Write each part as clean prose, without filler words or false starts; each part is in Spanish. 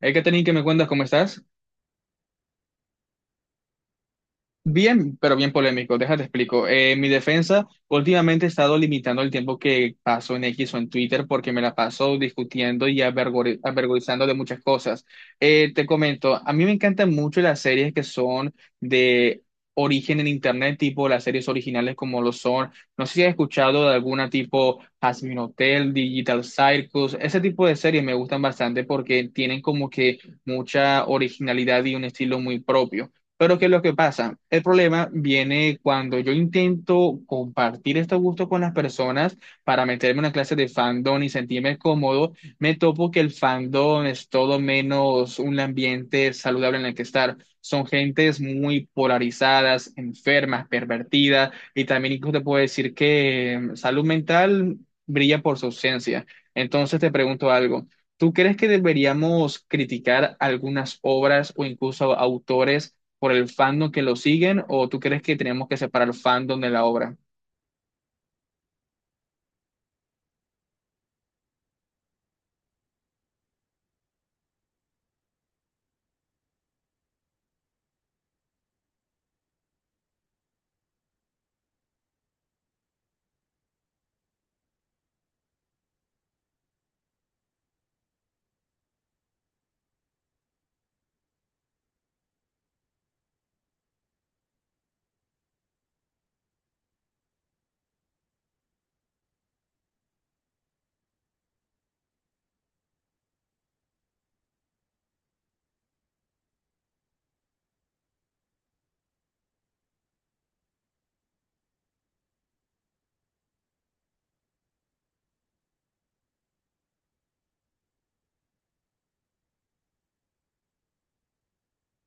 Hay que tener que me cuentas? ¿Cómo estás? Bien, pero bien polémico, déjate explico. Mi defensa, últimamente he estado limitando el tiempo que paso en X o en Twitter porque me la paso discutiendo y avergonzando de muchas cosas. Te comento, a mí me encantan mucho las series que son de origen en Internet, tipo las series originales como lo son. No sé si has escuchado de alguna tipo Hazbin Hotel, Digital Circus, ese tipo de series me gustan bastante porque tienen como que mucha originalidad y un estilo muy propio. Pero ¿qué es lo que pasa? El problema viene cuando yo intento compartir estos gustos con las personas para meterme en una clase de fandom y sentirme cómodo, me topo que el fandom es todo menos un ambiente saludable en el que estar. Son gentes muy polarizadas, enfermas, pervertidas y también incluso te puedo decir que salud mental brilla por su ausencia. Entonces te pregunto algo. ¿Tú crees que deberíamos criticar algunas obras o incluso autores por el fandom que lo siguen o tú crees que tenemos que separar el fandom de la obra?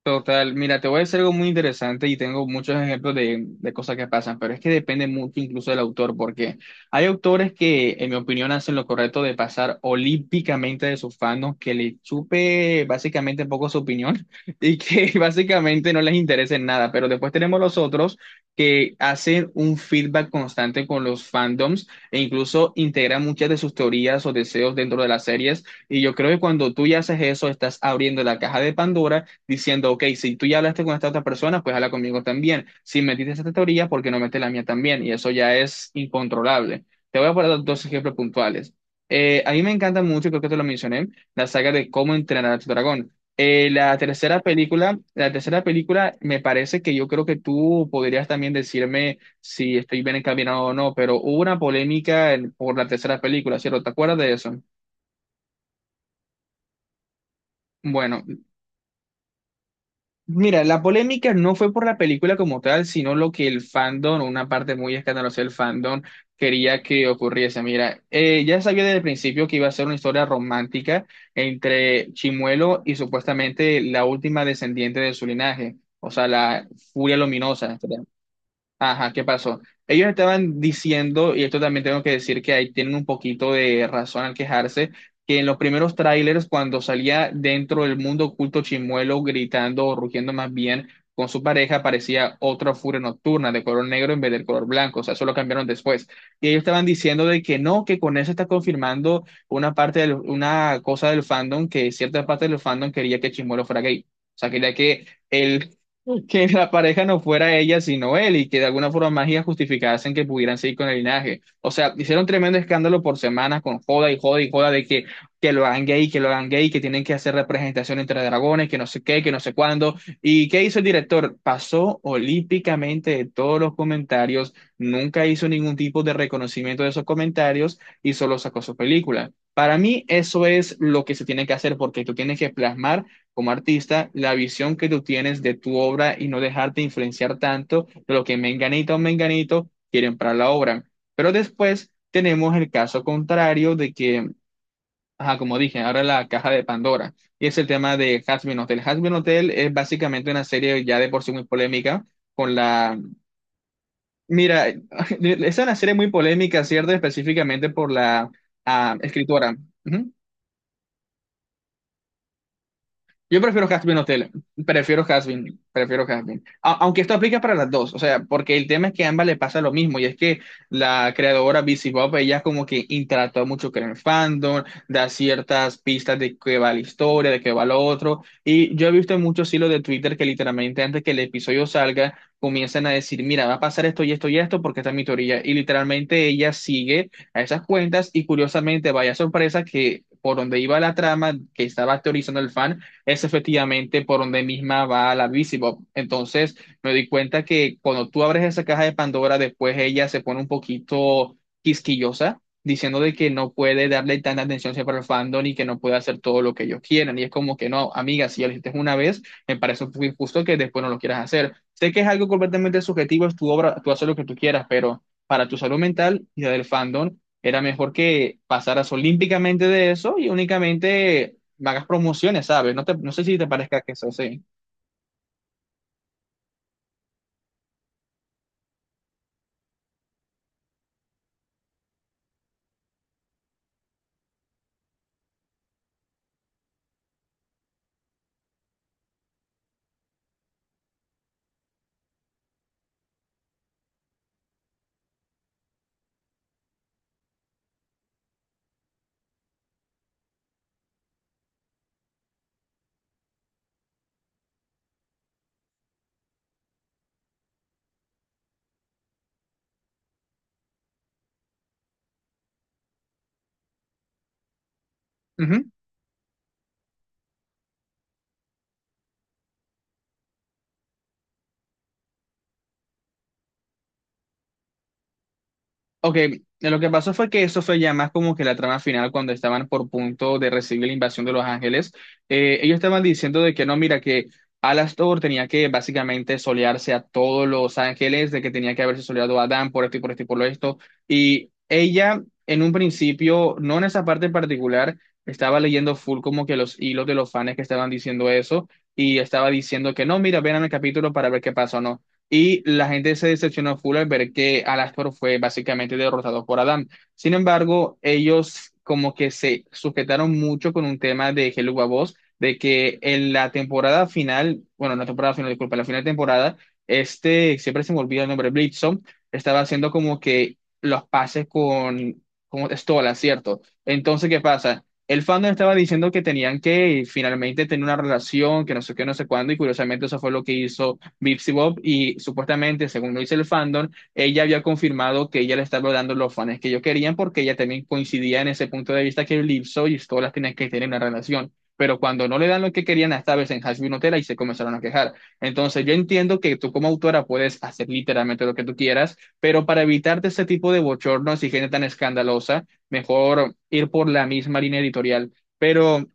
Total, mira, te voy a decir algo muy interesante y tengo muchos ejemplos de cosas que pasan, pero es que depende mucho incluso del autor, porque hay autores que, en mi opinión, hacen lo correcto de pasar olímpicamente de sus fans, que le chupe básicamente un poco su opinión y que básicamente no les interese en nada, pero después tenemos los otros que hacen un feedback constante con los fandoms e incluso integran muchas de sus teorías o deseos dentro de las series, y yo creo que cuando tú ya haces eso, estás abriendo la caja de Pandora diciendo, ok, si tú ya hablaste con esta otra persona, pues habla conmigo también. Si metiste esta teoría, ¿por qué no metes la mía también? Y eso ya es incontrolable. Te voy a poner dos ejemplos puntuales. A mí me encanta mucho, creo que te lo mencioné, la saga de Cómo entrenar a tu dragón. La tercera película me parece que yo creo que tú podrías también decirme si estoy bien encaminado o no, pero hubo una polémica por la tercera película, ¿cierto? ¿Te acuerdas de eso? Bueno, mira, la polémica no fue por la película como tal, sino lo que el fandom, una parte muy escandalosa del fandom, quería que ocurriese. Mira, ya sabía desde el principio que iba a ser una historia romántica entre Chimuelo y supuestamente la última descendiente de su linaje, o sea, la Furia Luminosa. Ajá, ¿qué pasó? Ellos estaban diciendo, y esto también tengo que decir que ahí tienen un poquito de razón al quejarse, que en los primeros trailers, cuando salía dentro del mundo oculto Chimuelo gritando o rugiendo más bien con su pareja, parecía otra furia nocturna de color negro en vez del color blanco, o sea, eso lo cambiaron después. Y ellos estaban diciendo de que no, que con eso está confirmando una cosa del fandom, que cierta parte del fandom quería que Chimuelo fuera gay. O sea, quería que él que la pareja no fuera ella sino él y que de alguna forma mágica justificasen que pudieran seguir con el linaje. O sea, hicieron tremendo escándalo por semanas con joda y joda y joda de que lo hagan gay, que lo hagan gay, que tienen que hacer representación entre dragones, que no sé qué, que no sé cuándo. ¿Y qué hizo el director? Pasó olímpicamente de todos los comentarios, nunca hizo ningún tipo de reconocimiento de esos comentarios y solo sacó su película. Para mí eso es lo que se tiene que hacer porque tú tienes que plasmar como artista, la visión que tú tienes de tu obra y no dejarte influenciar tanto de lo que Menganito o Menganito quieren para la obra. Pero después tenemos el caso contrario de que, ajá, como dije, ahora la caja de Pandora, y es el tema de Hazbin Hotel. Hazbin Hotel es básicamente una serie ya de por sí muy polémica. Con la. Mira, es una serie muy polémica, ¿cierto? Específicamente por la escritora. Ujú. Yo prefiero Hasbin Hotel, prefiero Hasbin, prefiero Hasbin. Aunque esto aplica para las dos, o sea, porque el tema es que a ambas le pasa lo mismo, y es que la creadora BC Bob, ella como que interactúa mucho con el fandom, da ciertas pistas de qué va la historia, de qué va lo otro, y yo he visto en muchos hilos de Twitter que literalmente antes que el episodio salga, comienzan a decir, mira, va a pasar esto y esto y esto, porque esta es mi teoría, y literalmente ella sigue a esas cuentas, y curiosamente, vaya sorpresa que por donde iba la trama que estaba teorizando el fan, es efectivamente por donde misma va la Visibob. Entonces me di cuenta que cuando tú abres esa caja de Pandora, después ella se pone un poquito quisquillosa, diciendo de que no puede darle tanta atención siempre al fandom y que no puede hacer todo lo que ellos quieran. Y es como que no, amiga, si ya lo hiciste una vez, me parece un poco injusto que después no lo quieras hacer. Sé que es algo completamente subjetivo, es tu obra, tú haces lo que tú quieras, pero para tu salud mental y la del fandom, era mejor que pasaras olímpicamente de eso y únicamente me hagas promociones, ¿sabes? No, te, no sé si te parezca que eso, sí. Ujú. Ok, lo que pasó fue que eso fue ya más como que la trama final cuando estaban por punto de recibir la invasión de Los Ángeles. Ellos estaban diciendo de que no, mira, que Alastor tenía que básicamente solearse a todos Los Ángeles, de que tenía que haberse soleado a Adán por esto y por esto y por lo esto. Y ella, en un principio, no en esa parte en particular, estaba leyendo full como que los hilos de los fans que estaban diciendo eso y estaba diciendo que no, mira, ven al capítulo para ver qué pasó, no. Y la gente se decepcionó full al ver que Alastor fue básicamente derrotado por Adam. Sin embargo, ellos como que se sujetaron mucho con un tema de Hello Babos, de que en la temporada final, bueno, no temporada final, disculpa, la final de temporada, este, siempre se me olvida el nombre, Blitzon, estaba haciendo como que los pases con Stola, ¿cierto? Entonces, ¿qué pasa? El fandom estaba diciendo que tenían que finalmente tener una relación, que no sé qué, no sé cuándo, y curiosamente eso fue lo que hizo Bipsy Bob y supuestamente, según lo dice el fandom, ella había confirmado que ella le estaba dando los fans que ellos querían porque ella también coincidía en ese punto de vista que Lipso y todas las tenían que tener una relación. Pero cuando no le dan lo que querían, esta vez en Hashville Nutella y se comenzaron a quejar. Entonces, yo entiendo que tú como autora puedes hacer literalmente lo que tú quieras, pero para evitarte ese tipo de bochornos y gente tan escandalosa, mejor ir por la misma línea editorial. Pero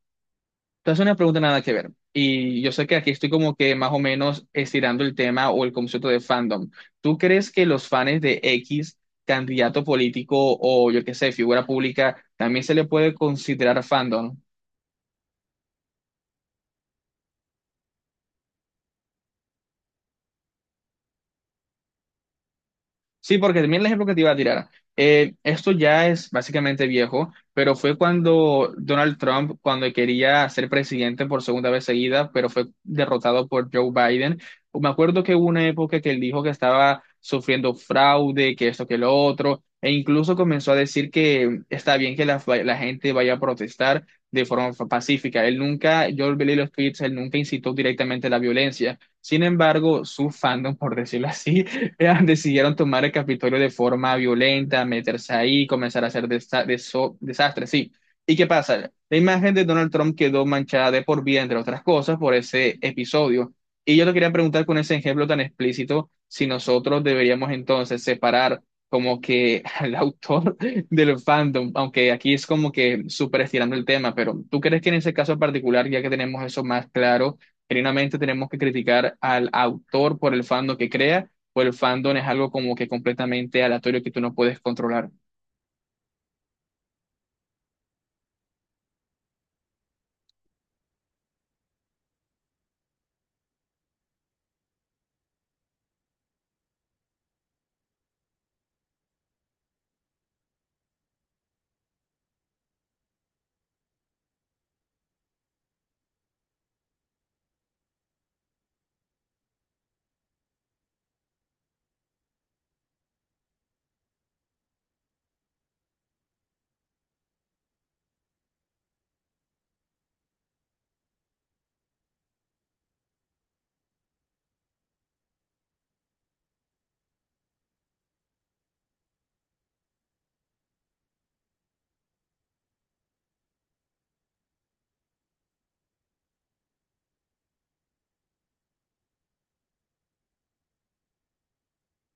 te hace una pregunta nada que ver. Y yo sé que aquí estoy como que más o menos estirando el tema o el concepto de fandom. ¿Tú crees que los fans de X candidato político o yo qué sé, figura pública, también se le puede considerar fandom? Sí, porque también el ejemplo que te iba a tirar. Esto ya es básicamente viejo, pero fue cuando Donald Trump, cuando quería ser presidente por segunda vez seguida, pero fue derrotado por Joe Biden. Me acuerdo que hubo una época que él dijo que estaba sufriendo fraude, que esto, que lo otro, e incluso comenzó a decir que está bien que la gente vaya a protestar de forma pacífica. Él nunca, yo leí los tweets, él nunca incitó directamente la violencia. Sin embargo, su fandom, por decirlo así, decidieron tomar el Capitolio de forma violenta, meterse ahí, comenzar a hacer desastres, sí. ¿Y qué pasa? La imagen de Donald Trump quedó manchada de por vida, entre otras cosas, por ese episodio. Y yo te quería preguntar con ese ejemplo tan explícito, si nosotros deberíamos entonces separar como que al autor del fandom, aunque aquí es como que súper estirando el tema, pero ¿tú crees que en ese caso en particular, ya que tenemos eso más claro, genuinamente tenemos que criticar al autor por el fandom que crea o el fandom es algo como que completamente aleatorio que tú no puedes controlar?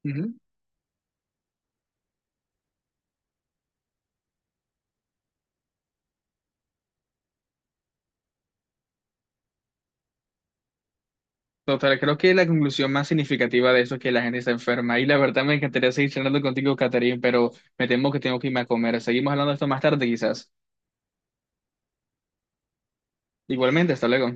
Ujú. Total, creo que la conclusión más significativa de eso es que la gente está enferma. Y la verdad me encantaría seguir charlando contigo, Catherine, pero me temo que tengo que irme a comer. Seguimos hablando de esto más tarde, quizás. Igualmente, hasta luego.